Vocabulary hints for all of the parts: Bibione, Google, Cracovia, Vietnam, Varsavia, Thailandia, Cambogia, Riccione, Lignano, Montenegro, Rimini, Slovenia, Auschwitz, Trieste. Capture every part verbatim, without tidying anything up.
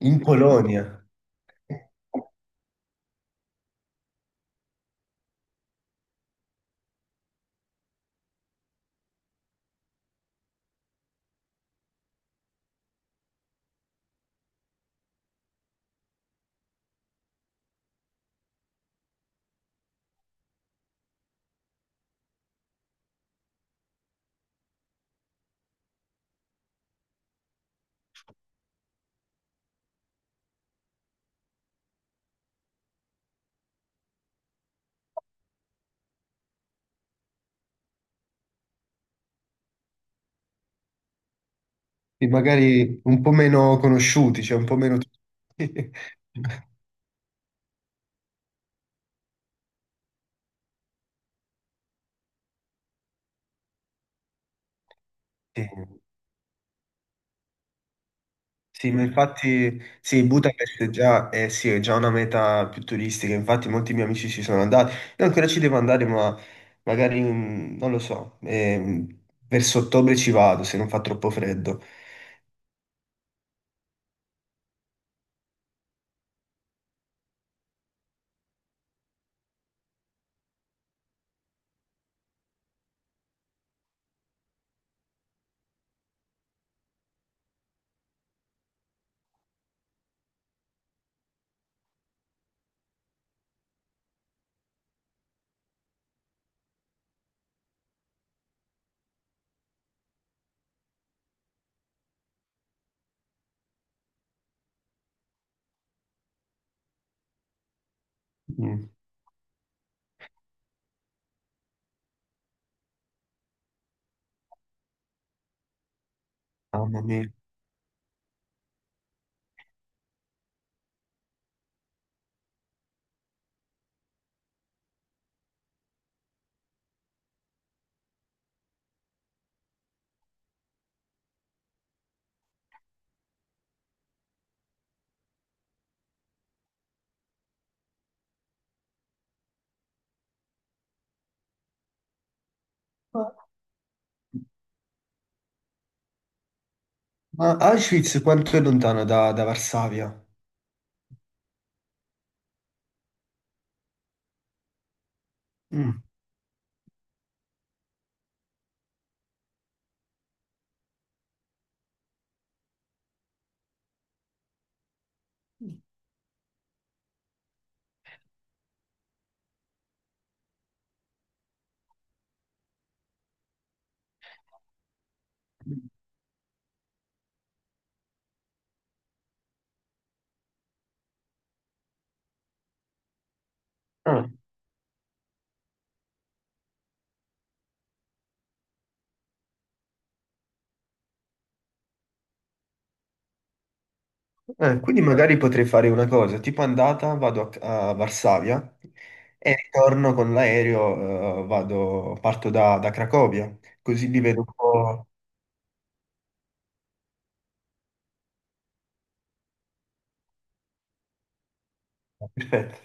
In Polonia, e magari un po' meno conosciuti, cioè un po' meno... Sì, sì, ma infatti sì, Budapest è già, eh, sì, è già una meta più turistica. Infatti molti miei amici ci sono andati, io ancora ci devo andare, ma magari, mm, non lo so, ehm, verso ottobre ci vado se non fa troppo freddo. Mm, mamma mia. Ma ma Auschwitz quanto è lontano da, da Varsavia? Mm. Ah. Eh, quindi magari potrei fare una cosa, tipo andata vado a, a Varsavia e ritorno con l'aereo, eh, vado, parto da, da Cracovia, così li vedo un po'... Perfetto.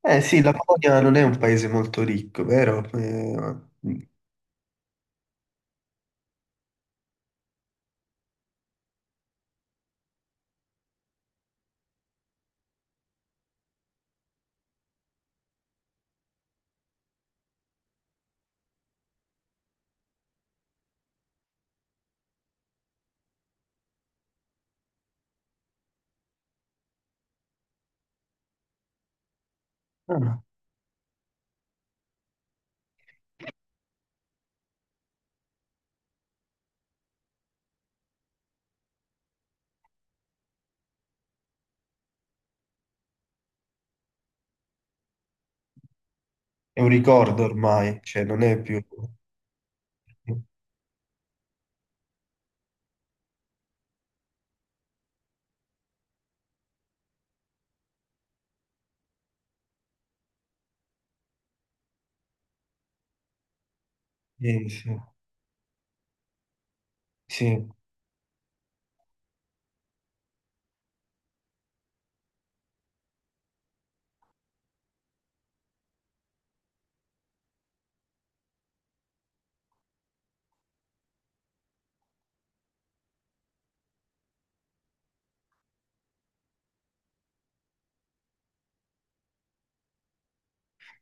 Eh sì, la Polonia non è un paese molto ricco, vero? Eh, ah, è un ricordo ormai, cioè non è più... Eh, sì, sì.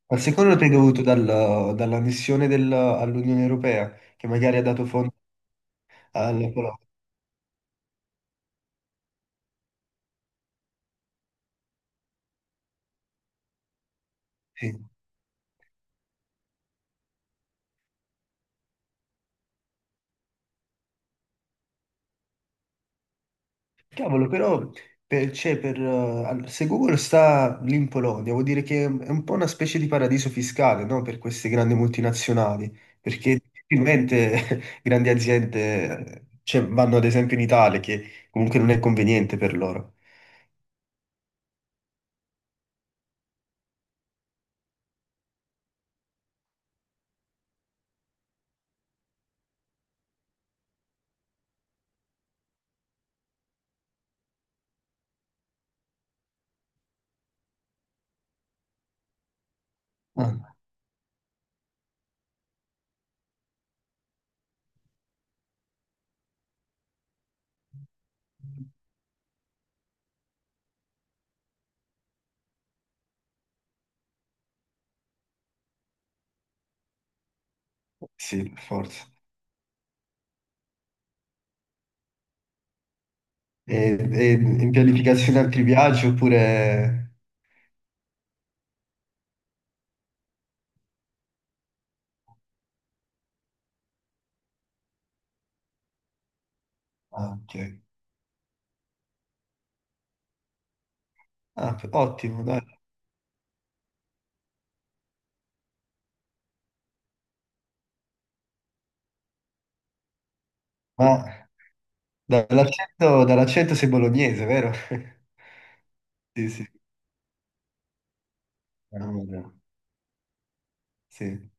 Al secondo te è dovuto dal- dall'annessione del- all'Unione Europea, che magari ha dato fondo alla Polonia. Sì. Cavolo, però per, c'è per, eh, all- se Google sta lì in Polonia, vuol dire che è un po' una specie di paradiso fiscale, no? Per queste grandi multinazionali, perché difficilmente grandi aziende, cioè, vanno ad esempio in Italia, che comunque non è conveniente per loro. Ah, sì, per forza. E, e in pianificazione altri viaggi oppure... Ah, ok. Ah, ottimo, dai. Ma dall'accento dall'accento sei bolognese, vero? Sì, sì. Ah, vabbè. Sì,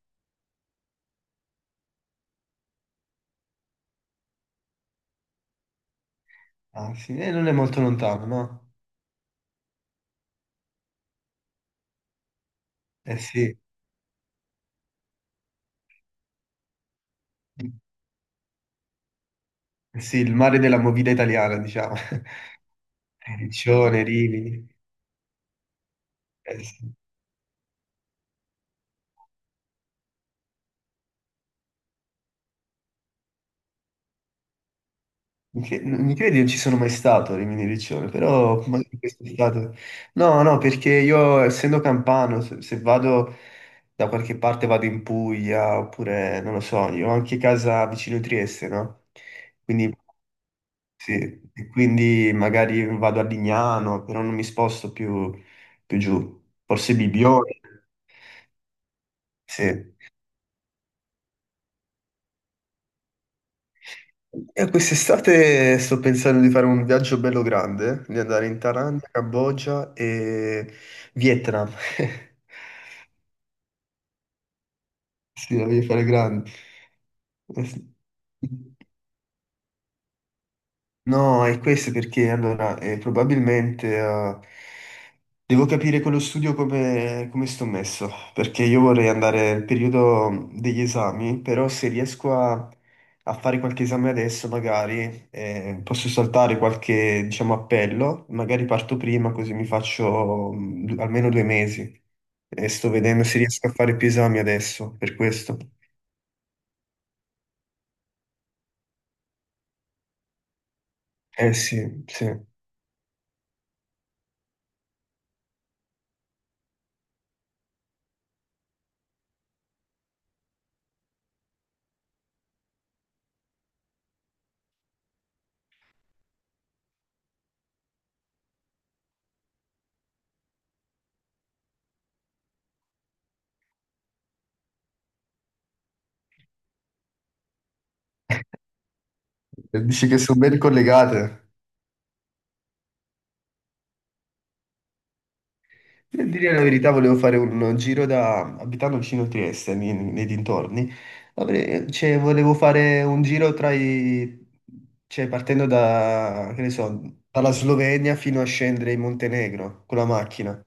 ah, sì. E non è molto lontano, no? Eh sì, eh sì, il mare della movida italiana, diciamo. Riccione, Rimini. Eh sì. Mi cre- mi credi, non ci sono mai stato a Rimini Riccione, però magari quest'estate... No, no, perché io essendo campano, se, se vado da qualche parte vado in Puglia, oppure non lo so, io ho anche casa vicino Trieste, no? Quindi sì, e quindi magari vado a Lignano, però non mi sposto più, più giù. Forse Bibione, sì. E quest'estate sto pensando di fare un viaggio bello grande, di andare in Thailandia, Cambogia e Vietnam. Sì, la voglio fare grande. Eh sì. No, è questo perché allora eh, probabilmente eh, devo capire con lo studio come, come sto messo, perché io vorrei andare al periodo mm, degli esami, però se riesco a, a fare qualche esame adesso magari eh, posso saltare qualche, diciamo, appello, magari parto prima così mi faccio mm, du- almeno due mesi e sto vedendo se riesco a fare più esami adesso, per questo. Eh sì, sì. Dici che sono ben collegate. Per dire la verità, volevo fare un giro da, abitando vicino a Trieste, nei, nei dintorni, avrei- cioè, volevo fare un giro tra i, cioè, partendo da, che ne so, dalla Slovenia fino a scendere in Montenegro con la macchina.